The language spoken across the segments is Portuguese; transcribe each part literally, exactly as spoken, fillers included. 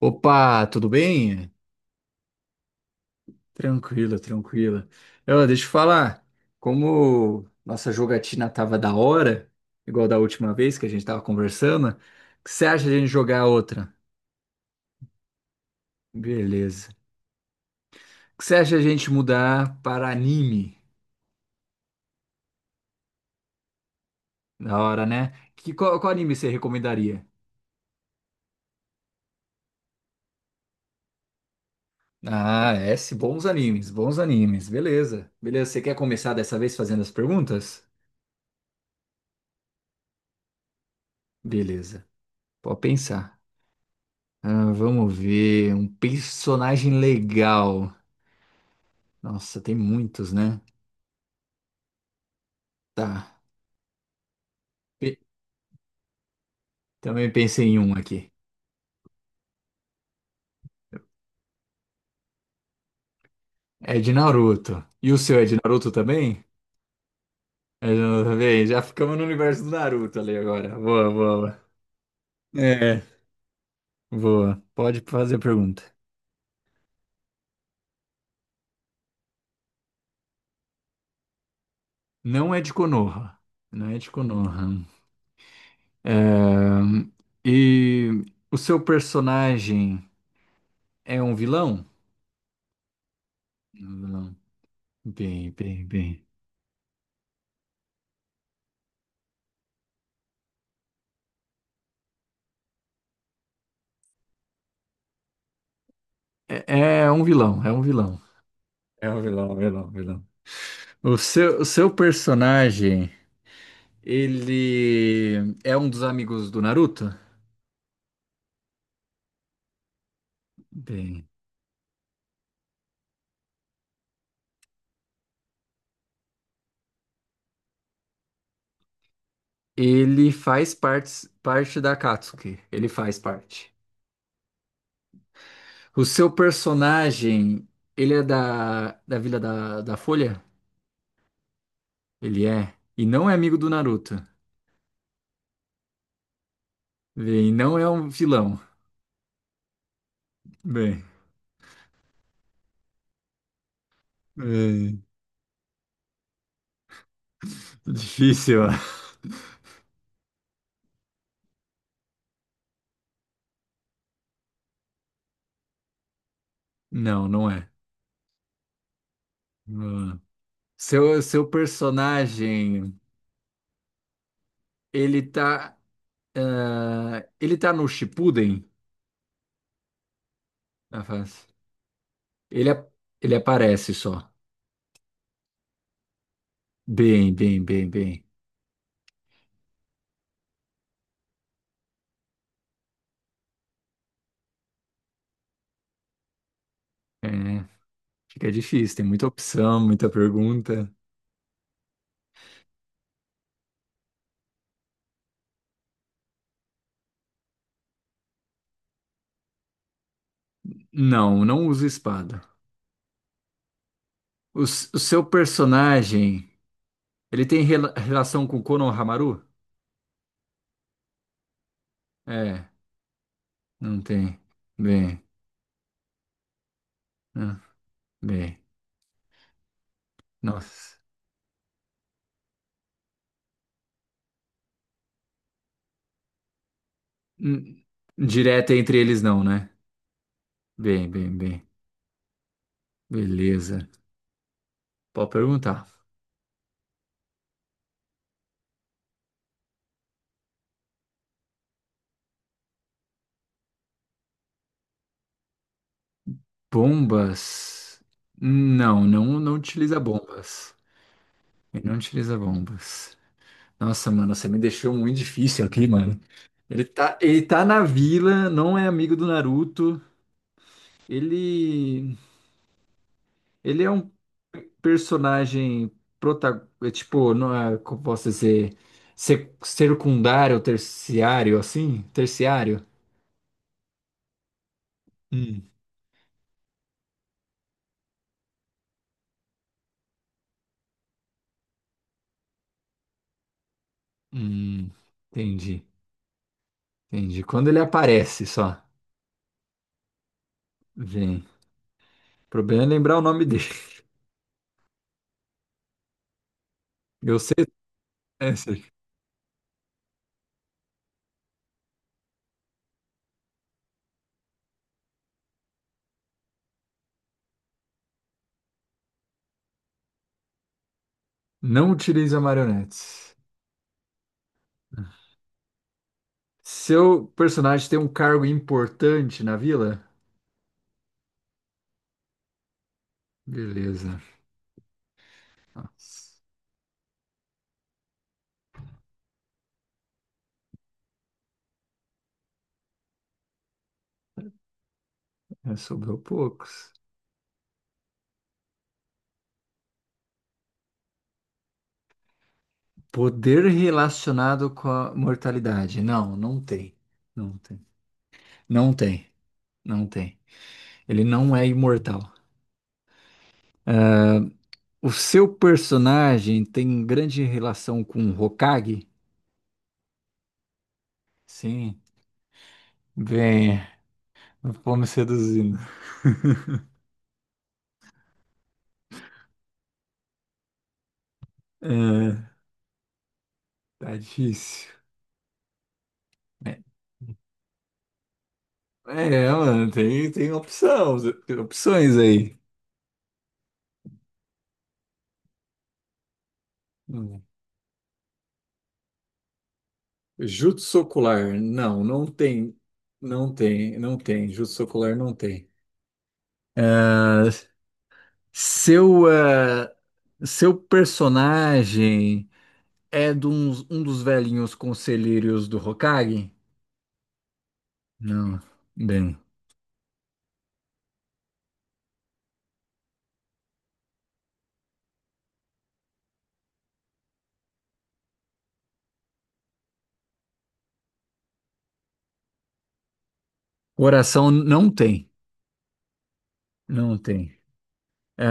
Opa, tudo bem? Tranquilo, tranquilo. Eu, deixa eu falar, como nossa jogatina tava da hora, igual da última vez que a gente tava conversando, o que você acha de a gente jogar outra? Beleza. O que você acha de a gente mudar para anime? Da hora, né? Que, qual, qual anime você recomendaria? Ah, é, esse, bons animes, bons animes. Beleza. Beleza, você quer começar dessa vez fazendo as perguntas? Beleza, pode pensar. Ah, vamos ver. Um personagem legal. Nossa, tem muitos, né? Tá. Pe- também pensei em um aqui. É de Naruto. E o seu é de Naruto também? É de Naruto também? Já ficamos no universo do Naruto ali agora. Boa, boa. É, boa. Pode fazer a pergunta. Não é de Konoha. Não é de Konoha. É, E o seu personagem é um vilão? É um vilão. Bem, bem, bem. É, é um vilão, é um vilão. É o vilão, vilão, vilão. O seu, o seu personagem, ele é um dos amigos do Naruto? Bem, ele faz parte, parte da Katsuki. Ele faz parte. O seu personagem, ele é da, da Vila da, da Folha? Ele é. E não é amigo do Naruto. Bem, não é um vilão. Bem, bem, difícil. Ó. Não, não é. Não é. Seu, seu personagem, ele tá. Ah, ele tá no Shippuden, na fase. Ele, ap- ele aparece só. Bem, bem, bem, bem. É, fica difícil, tem muita opção, muita pergunta. Não, não usa espada. O, s- o seu personagem, ele tem rela- relação com Konohamaru? É, não tem. Bem, ah, bem. Nossa. Hum, Direta entre eles não, né? Bem, bem, bem. Beleza. Pode perguntar. Bombas? Não, não, não utiliza bombas. Ele não utiliza bombas. Nossa, mano, você me deixou muito difícil aqui, mano. Ele tá, ele tá na vila, não é amigo do Naruto. Ele, ele é um personagem prota, é tipo, não é, como posso dizer, sec- secundário, ou terciário, assim? Terciário? Hum, hum, entendi, entendi. Quando ele aparece, só. Vem. O problema é lembrar o nome dele. Eu é isso aí. Não utiliza marionetes. Seu personagem tem um cargo importante na vila? Beleza. Nossa, é, sobrou poucos. Poder relacionado com a mortalidade. Não, não tem. Não tem. Não tem. Não tem. Ele não é imortal. O seu personagem tem grande relação com o Hokage? Sim. Bem, vamos seduzindo. É, tá difícil. É. É, mano, tem, tem opção, opções aí. Hum. Jutsu ocular, não, não tem, não tem, não tem, jutsu ocular não tem. Ah, seu, ah, seu personagem é de uns- um dos velhinhos conselheiros do Hokage? Não, bem, coração não tem, não tem.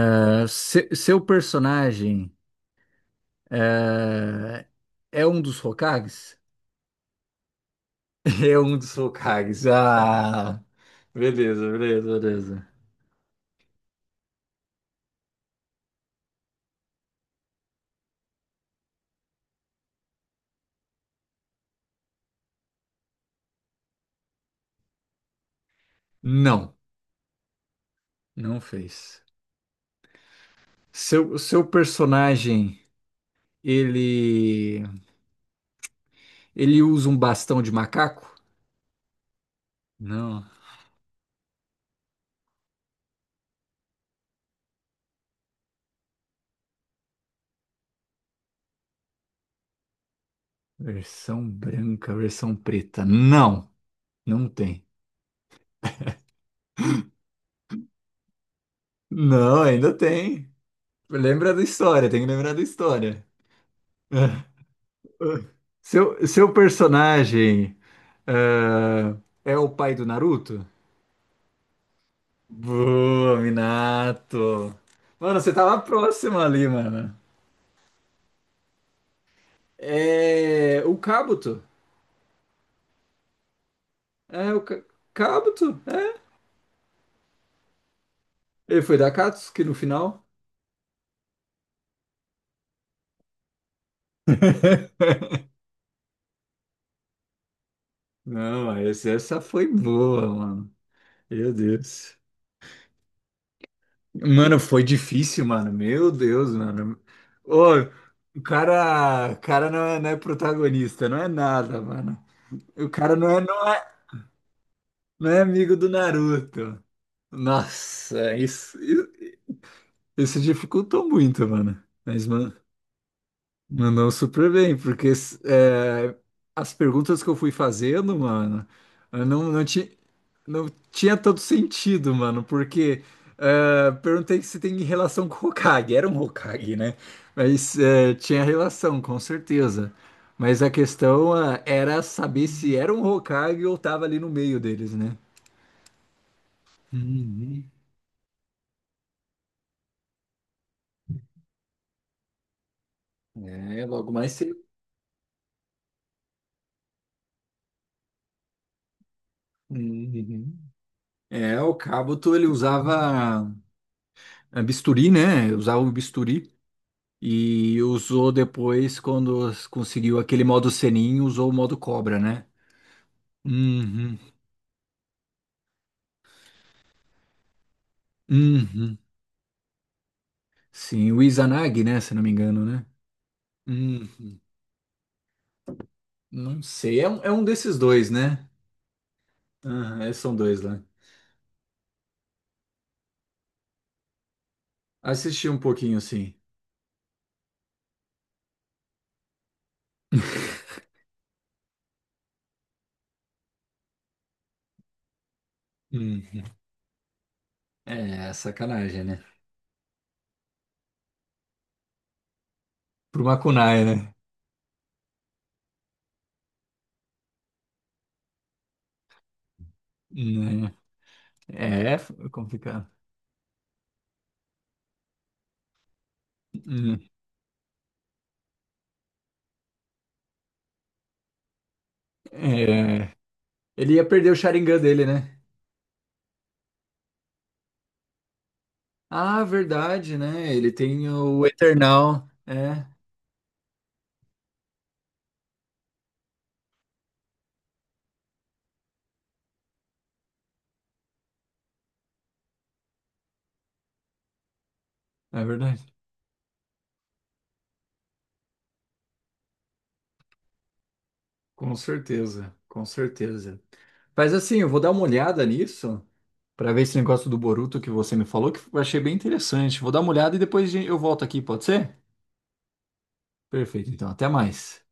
Ah, se- seu personagem ah, é um dos Hokages? É um dos Hokages. Ah, beleza, beleza, beleza. Não, não fez. Seu, seu personagem, ele, ele usa um bastão de macaco? Não. Versão branca, versão preta. Não, não tem. Não, ainda tem. Lembra da história, tem que lembrar da história. Seu, seu personagem, ah, é o pai do Naruto? Boa, Minato. Mano, você tava próximo ali, mano. É. O Kabuto. É, o ca- Kabuto? É. Ele foi da Katsuki no final. Não, esse- essa foi boa, mano. Meu Deus. Mano, foi difícil, mano. Meu Deus, mano. Ô, o cara, o cara não é, não é protagonista, não é nada, mano. O cara não é, não é, não é amigo do Naruto. Nossa, isso, Isso dificultou muito, mano. Mas man- mandou super bem, porque é, as perguntas que eu fui fazendo, mano, eu não, não, ti, não tinha todo sentido, mano, porque é, perguntei se tem relação com o Hokage. Era um Hokage, né? Mas é, tinha relação, com certeza. Mas a questão é, era saber se era um Hokage ou tava ali no meio deles, né? Uhum. É, logo mais cedo. Uhum. É, o Cabuto ele usava eh, bisturi, né? Usava um bisturi e usou depois quando s- conseguiu aquele modo Senin, usou o modo cobra, né? Uhum. Uhum. Sim, o Izanagi, né? Se não me engano, né? Uhum. Não sei, é um, é um desses dois, né? Aham, é, são dois lá. Assisti um pouquinho, sim. Hum. É, sacanagem, né? Pro Makunai, né? Né? É, é complicado. Hum. É. Ele ia perder o Sharingan dele, né? Ah, verdade, né? Ele tem o Eternal. É, é verdade. Com certeza, com certeza. Mas assim, eu vou dar uma olhada nisso para ver esse negócio do Boruto que você me falou, que eu achei bem interessante. Vou dar uma olhada e depois eu volto aqui, pode ser? Perfeito, então, até mais.